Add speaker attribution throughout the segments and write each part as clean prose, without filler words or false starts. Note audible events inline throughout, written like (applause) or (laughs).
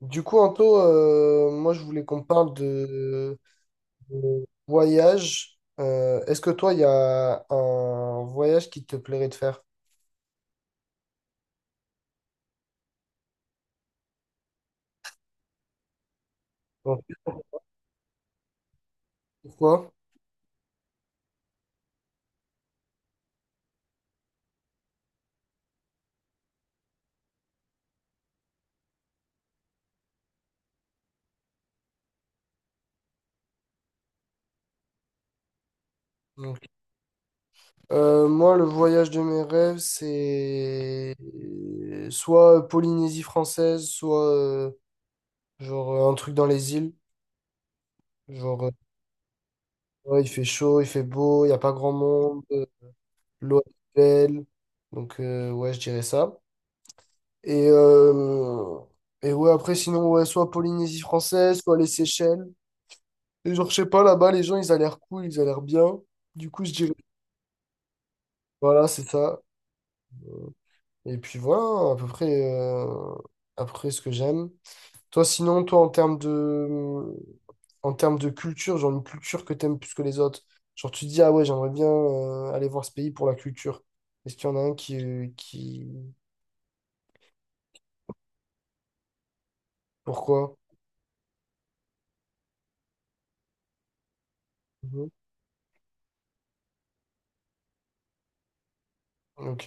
Speaker 1: Du coup, Anto, moi je voulais qu'on parle de voyage. Est-ce que toi, il y a un voyage qui te plairait de faire? Donc, pourquoi? Donc, moi, le voyage de mes rêves, c'est soit Polynésie française, soit un truc dans les îles. Genre, euh, ouais, il fait chaud, il fait beau, il n'y a pas grand monde, l'eau est belle. Donc, ouais, je dirais ça. Et, euh, et ouais, après, sinon, ouais, soit Polynésie française, soit les Seychelles. Et genre, je sais pas, là-bas, les gens, ils ont l'air cool, ils ont l'air bien. Du coup, je dirais, voilà, c'est ça. Et puis voilà, euh, à peu près ce que j'aime. Toi, sinon, toi, en termes de culture, genre une culture que t'aimes plus que les autres. Genre, tu te dis, ah ouais, j'aimerais bien aller voir ce pays pour la culture. Est-ce qu'il y en a un qui... Pourquoi? Mhm. Ok,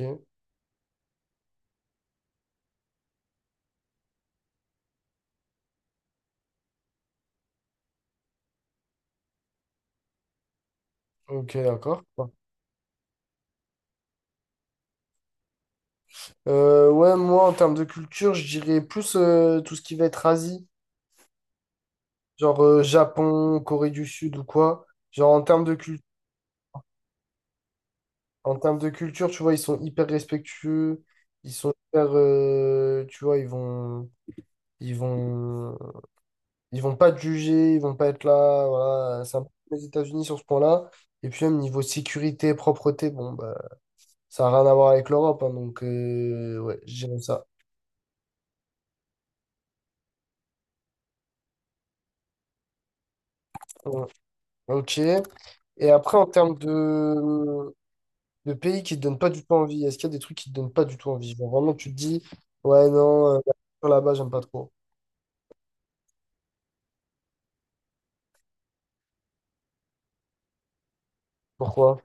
Speaker 1: ok, d'accord. Ouais, moi, en termes de culture, je dirais plus tout ce qui va être Asie, genre Japon, Corée du Sud ou quoi. Genre, en termes de cul- en termes de culture, tu vois, ils sont hyper respectueux, ils sont hyper, tu vois, ils vont, ils vont pas te juger, ils vont pas être là, voilà. C'est un peu comme les États-Unis sur ce point-là. Et puis, même niveau sécurité, propreté, bon, bah, ça n'a rien à voir avec l'Europe, hein, donc, ouais, je dirais ça. Ouais. Ok. Et après, en termes de pays qui te donnent pas du tout envie? Est-ce qu'il y a des trucs qui te donnent pas du tout envie? Genre vraiment, tu te dis, ouais, non, la culture là-bas, j'aime pas trop. Pourquoi?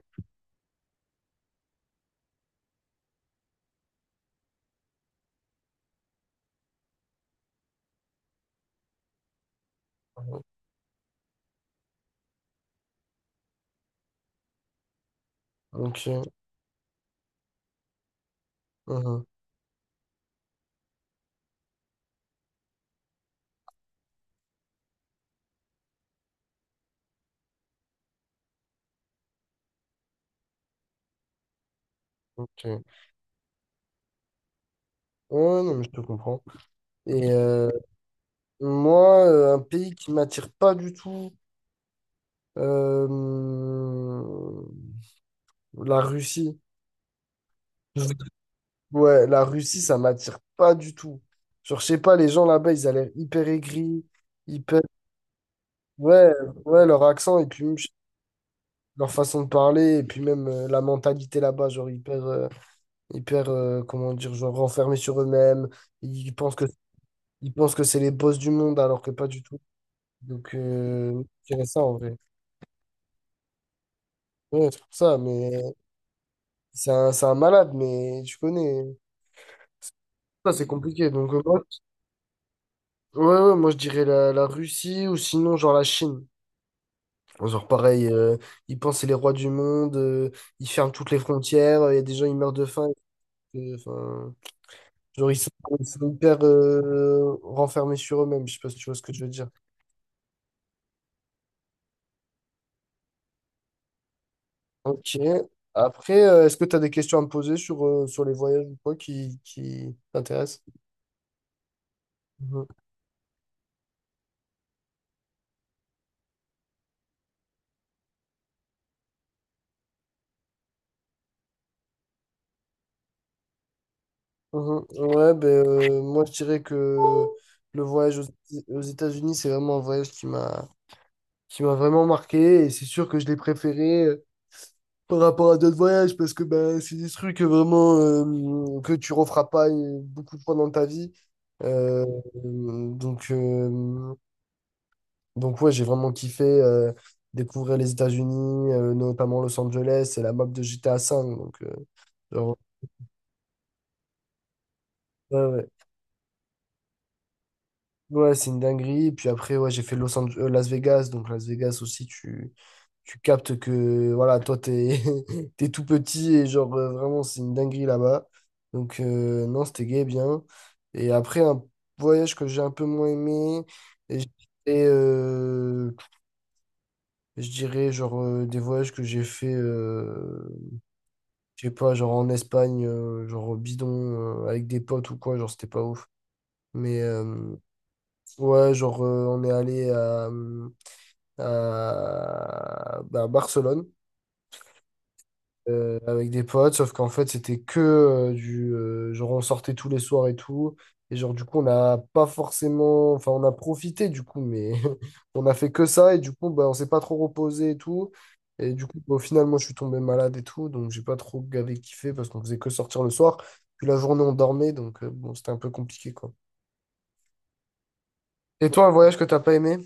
Speaker 1: Ok. Mhm, ok. Ouais, non, mais je te comprends. Et moi, un pays qui m'attire pas du tout, euh, la Russie. Je- Ouais, la Russie, ça m'attire pas du tout. Genre, je sais pas, les gens là-bas, ils ont l'air hyper aigris, hyper... Ouais, ouais, leur accent, et puis même, je leur façon de parler et puis même la mentalité là-bas, genre hyper, hyper, comment dire, genre renfermés sur eux-mêmes. Ils pensent que, ils pensent que c'est les boss du monde alors que pas du tout. Donc, je dirais ça en vrai. Ouais, c'est pour ça, mais c'est un malade, mais tu connais. Ça, c'est compliqué. Donc, moi, ouais, ouais, moi, je dirais la Russie ou sinon, genre la Chine. Genre pareil, ils pensent que c'est les rois du monde, ils ferment toutes les frontières, il y a des gens, ils meurent de faim. Enfin, Genre, ils sont, ils sont hyper renfermés sur eux-mêmes. Je sais pas si tu vois ce que je veux dire. Ok. Après, est-ce que tu as des questions à me poser sur, sur les voyages ou quoi qui t'intéressent? Mhm. Mhm. Ouais, ben, moi, je dirais que le voyage aux États-Unis, c'est vraiment un voyage qui m'a vraiment marqué. Et c'est sûr que je l'ai préféré par rapport à d'autres voyages parce que ben, c'est des trucs vraiment que tu referas pas beaucoup de fois dans ta vie. Euh, donc, euh, Donc ouais, j'ai vraiment kiffé découvrir les États-Unis, notamment Los Angeles et la map de GTA V. Donc, genre, ouais, ouais. Ouais, c'est une dinguerie. Et puis après, ouais, j'ai fait Los Ange- Las Vegas. Donc Las Vegas aussi, tu captes que voilà, toi, t'es (laughs) t'es tout petit et vraiment, c'est une dinguerie là-bas. Donc non, c'était gay, bien. Et après, un voyage que j'ai un peu moins aimé. Et j'ai fait, je dirais des voyages que j'ai fait je sais pas, genre en Espagne, genre au bidon, avec des potes ou quoi, genre c'était pas ouf. Mais ouais, on est allé à Barcelone. Avec des potes, sauf qu'en fait, c'était que du... genre, on sortait tous les soirs et tout. Et genre, du coup, on n'a pas forcément... Enfin, on a profité, du coup, mais (laughs) on a fait que ça. Et du coup, bah, on s'est pas trop reposé et tout. Et du coup, bah, au final, moi, je suis tombé malade et tout. Donc, j'ai pas trop gavé kiffé parce qu'on faisait que sortir le soir. Puis la journée, on dormait. Donc, bon, c'était un peu compliqué, quoi. Et toi, un voyage que t'as pas aimé?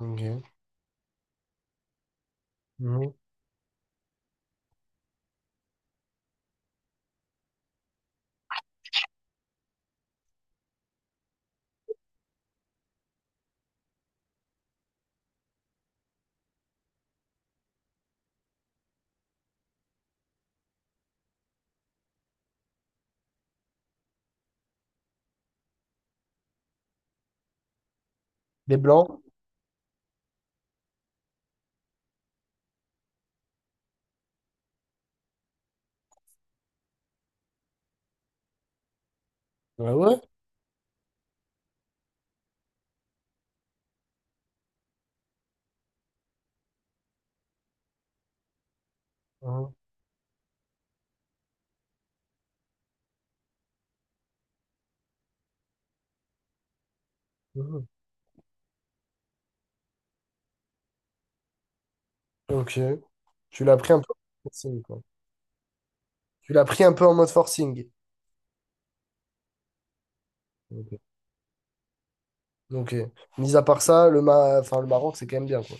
Speaker 1: Ok. Mhm. Les Blancs? Ah ouais? Mhm. Mhm. Ok. Tu l'as pris un peu? Tu l'as pris un peu en mode forcing. Ok. Donc, mis à part ça, le, Ma- enfin, le Maroc, c'est quand même bien, quoi.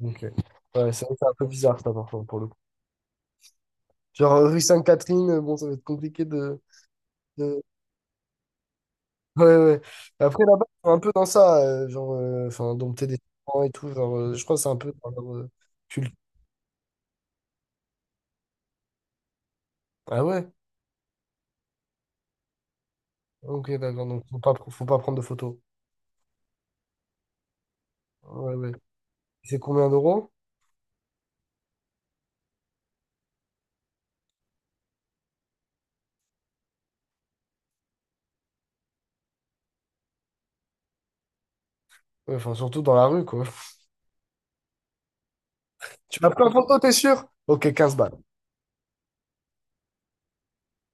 Speaker 1: Donc, ouais, c'est vrai que c'est un peu bizarre, ça, par contre, pour le coup. Genre, rue Sainte-Catherine, bon, ça va être compliqué de- Ouais, ouais. Après, là-bas, ils sont un peu dans ça, genre, enfin, dompter des serpents et tout, genre, je crois que c'est un peu dans leur culte. Ah ouais? Ok, d'accord, donc faut pas prendre de photos. Ouais, ouais. C'est combien d'euros? Ouais, enfin, surtout dans la rue, quoi. (laughs) Tu m'as pris en photo, t'es sûr? Ok, 15 balles.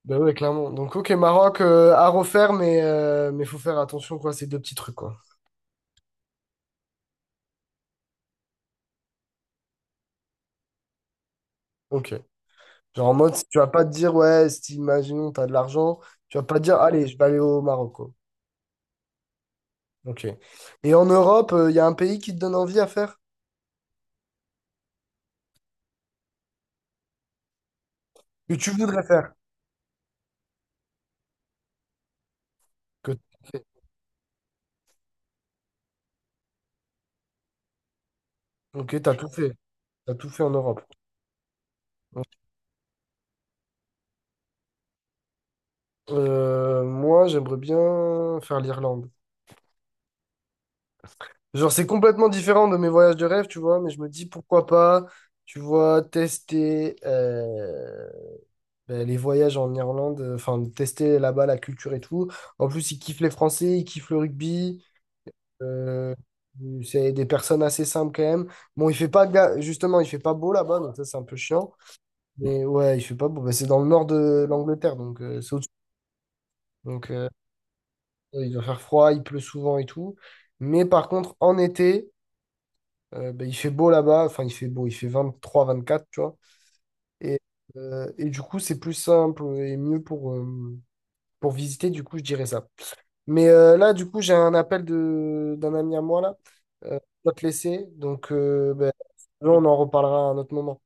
Speaker 1: Bah ouais, clairement. Donc, ok, Maroc à refaire, mais faut faire attention, quoi, ces deux petits trucs, quoi. Ok. Genre en mode, tu vas pas te dire, ouais, si imaginons, t'as de l'argent, tu vas pas te dire, allez, je vais aller au Maroc, quoi. Ok. Et en Europe, il y a un pays qui te donne envie à faire, que tu voudrais faire, que t'as fait. Ok, t'as tout fait. T'as tout fait en Europe. Moi, j'aimerais bien faire l'Irlande. Genre, c'est complètement différent de mes voyages de rêve, tu vois, mais je me dis pourquoi pas, tu vois, tester. Ben, les voyages en Irlande, enfin, de tester là-bas la culture et tout. En plus, ils kiffent les Français, ils kiffent le rugby. euh, c'est des personnes assez simples quand même. Bon, il fait pas, ga- justement, il fait pas beau là-bas, donc ça, c'est un peu chiant. Mais ouais, il fait pas beau. Ben, c'est dans le nord de l'Angleterre, donc c'est au-dessus. Donc, ouais, il doit faire froid, il pleut souvent et tout. Mais par contre, en été, ben, il fait beau là-bas. Enfin, il fait beau, il fait 23, 24, tu vois. Et, et du coup, c'est plus simple et mieux pour visiter. Du coup, je dirais ça. Mais là, du coup, j'ai un appel de d'un ami à moi là. Je dois te laisser. Donc, ben, on en reparlera à un autre moment.